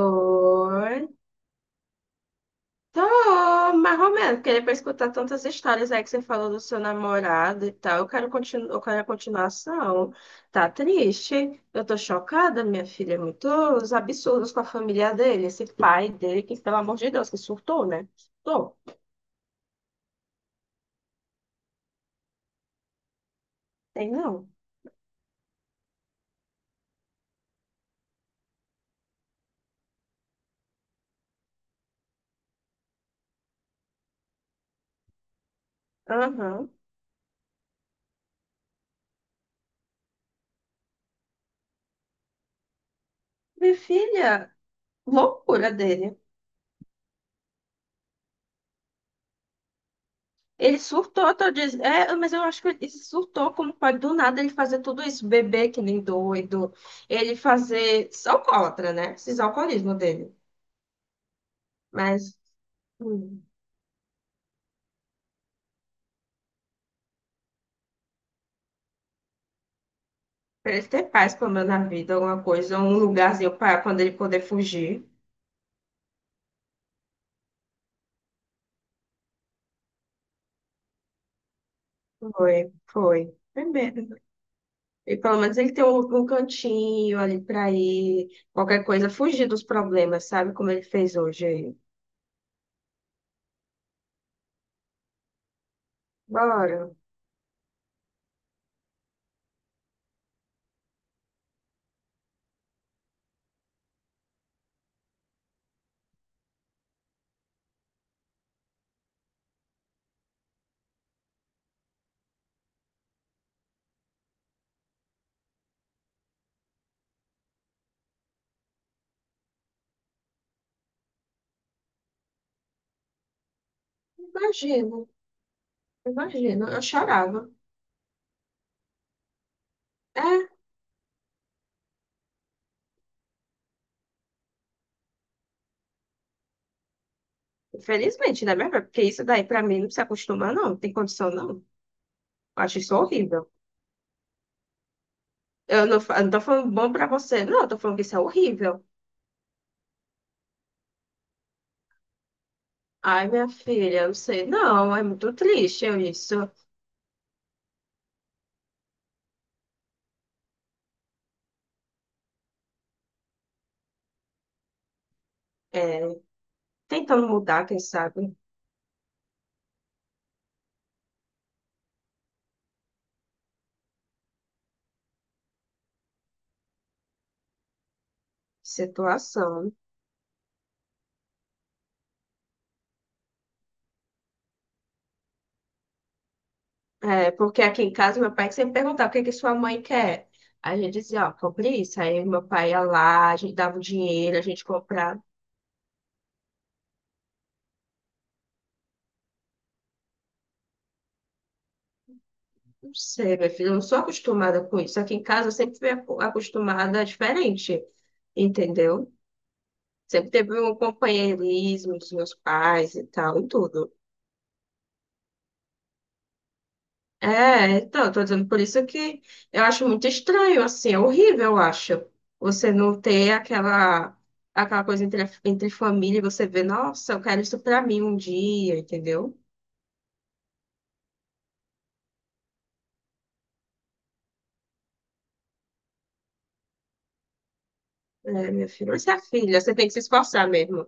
Oi, tô mais ou menos, porque depois de escutar tantas histórias aí que você falou do seu namorado e tal, eu quero a continuação. Tá triste? Eu tô chocada, minha filha, muitos absurdos com a família dele, esse pai dele, que pelo amor de Deus, que surtou, né? Tô, tem não. Aham. Minha filha, loucura dele. Ele surtou, tô dizendo. É, mas eu acho que ele surtou, como pode do nada ele fazer tudo isso, beber que nem doido, ele fazer só alcoólatra, né? Esses alcoolismo dele. Mas hum, pra ele ter paz, pelo menos na vida, alguma coisa, um lugarzinho para quando ele poder fugir. Foi, foi. Primeiro. E pelo menos ele tem um cantinho ali pra ir, qualquer coisa, fugir dos problemas, sabe? Como ele fez hoje aí. Bora. Imagino, imagino. Eu chorava. É, infelizmente, né, minha filha? Porque isso daí, pra mim, não se acostuma, não. Não tem condição, não. Eu acho isso horrível. Eu não tô falando bom pra você, não. Eu tô falando que isso é horrível. Ai, minha filha, eu não sei. Não, é muito triste eu isso. É, tentando mudar, quem sabe, situação. É, porque aqui em casa, meu pai sempre perguntava o que é que sua mãe quer. Aí a gente dizia, ó, compre isso. Aí meu pai ia lá, a gente dava o dinheiro, a gente comprava. Não sei, minha filha, eu não sou acostumada com isso. Aqui em casa eu sempre fui acostumada diferente, entendeu? Sempre teve um companheirismo dos meus pais e tal, e tudo. É, então, eu tô dizendo por isso que eu acho muito estranho, assim, é horrível, eu acho. Você não ter aquela coisa entre família, e você vê, nossa, eu quero isso pra mim um dia, entendeu? É, minha filha, você é filha, você tem que se esforçar mesmo.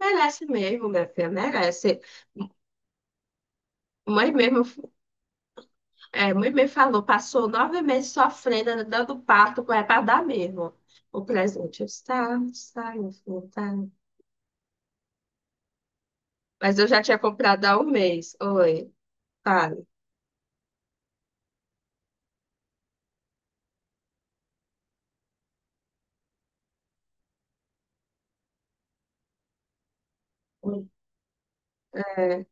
Merece mesmo, minha filha, merece. Mãe mesmo. É, mãe me falou, passou 9 meses sofrendo, dando parto, é para dar mesmo. O presente está, está, meu filho, está. Mas eu já tinha comprado há um mês. Oi, fale. É,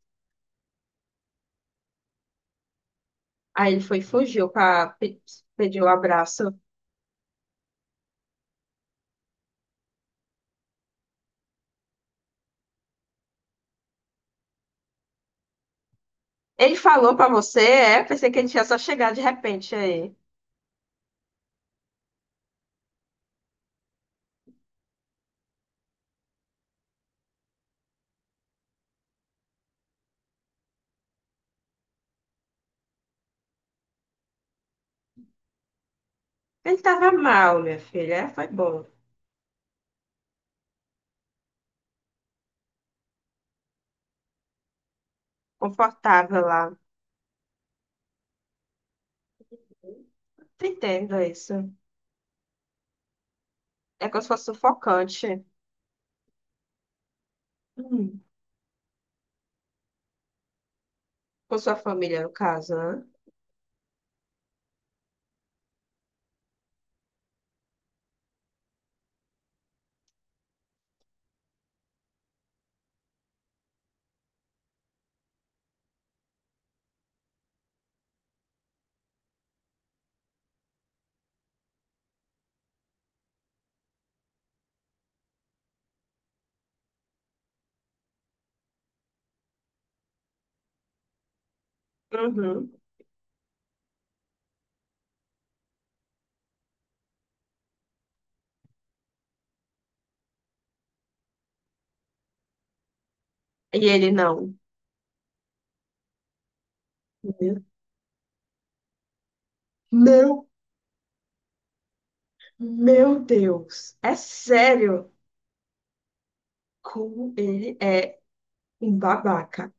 aí ele foi, e fugiu, pediu um abraço. Ele falou para você, é? Pensei que ele tinha só chegado de repente aí. Ele estava mal, minha filha. É, foi bom. Confortável lá. Tô Entendo isso. É como se fosse sufocante. Hum. Com sua família, no caso, né? Uhum. E ele não. Entendeu? Meu, meu Deus, é sério como ele é um babaca.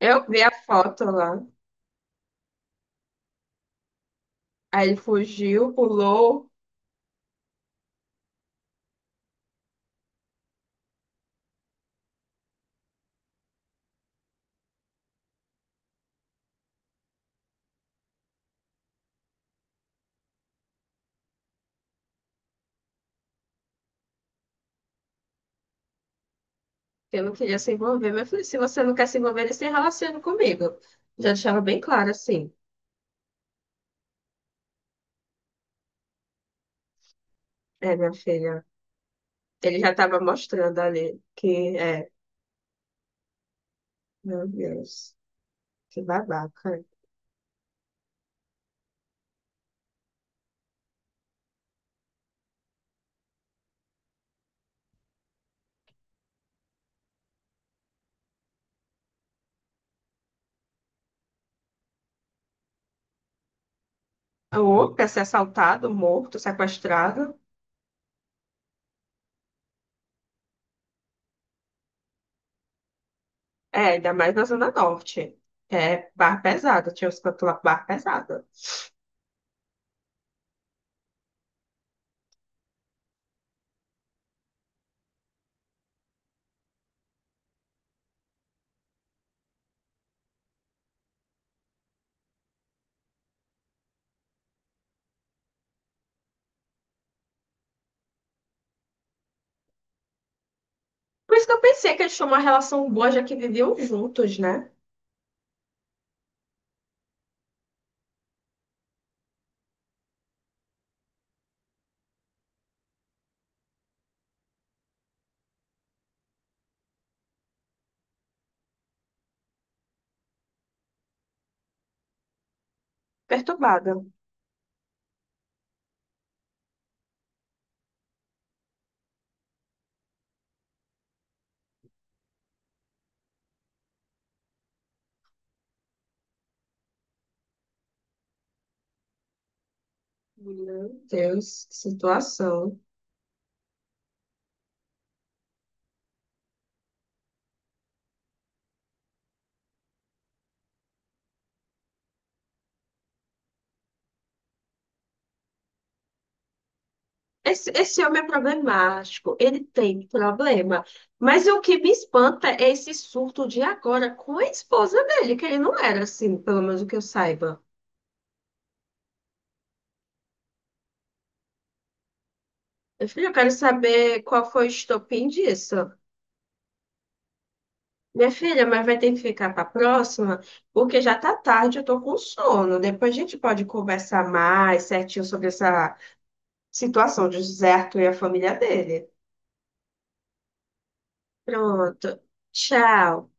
Eu vi a foto lá, aí ele fugiu, pulou, eu não queria se envolver, mas eu falei, se você não quer se envolver, ele se relaciona comigo. Já deixava bem claro assim, é, minha filha, ele já estava mostrando ali que é, meu Deus, que babaca. Ou quer ser assaltado, morto, sequestrado, é, ainda mais na Zona Norte, que é barra pesada, tinha os cantos lá com barra pesada. Por isso que eu pensei que eles tinham uma relação boa, já que viviam juntos, né? Perturbada. Meu Deus, que situação. Esse homem é problemático, ele tem problema. Mas o que me espanta é esse surto de agora com a esposa dele, que ele não era assim, pelo menos o que eu saiba. Eu falei, eu quero saber qual foi o estopim disso. Minha filha, mas vai ter que ficar para a próxima, porque já tá tarde, eu tô com sono. Depois a gente pode conversar mais certinho sobre essa situação de José Arthur e a família dele. Pronto. Tchau.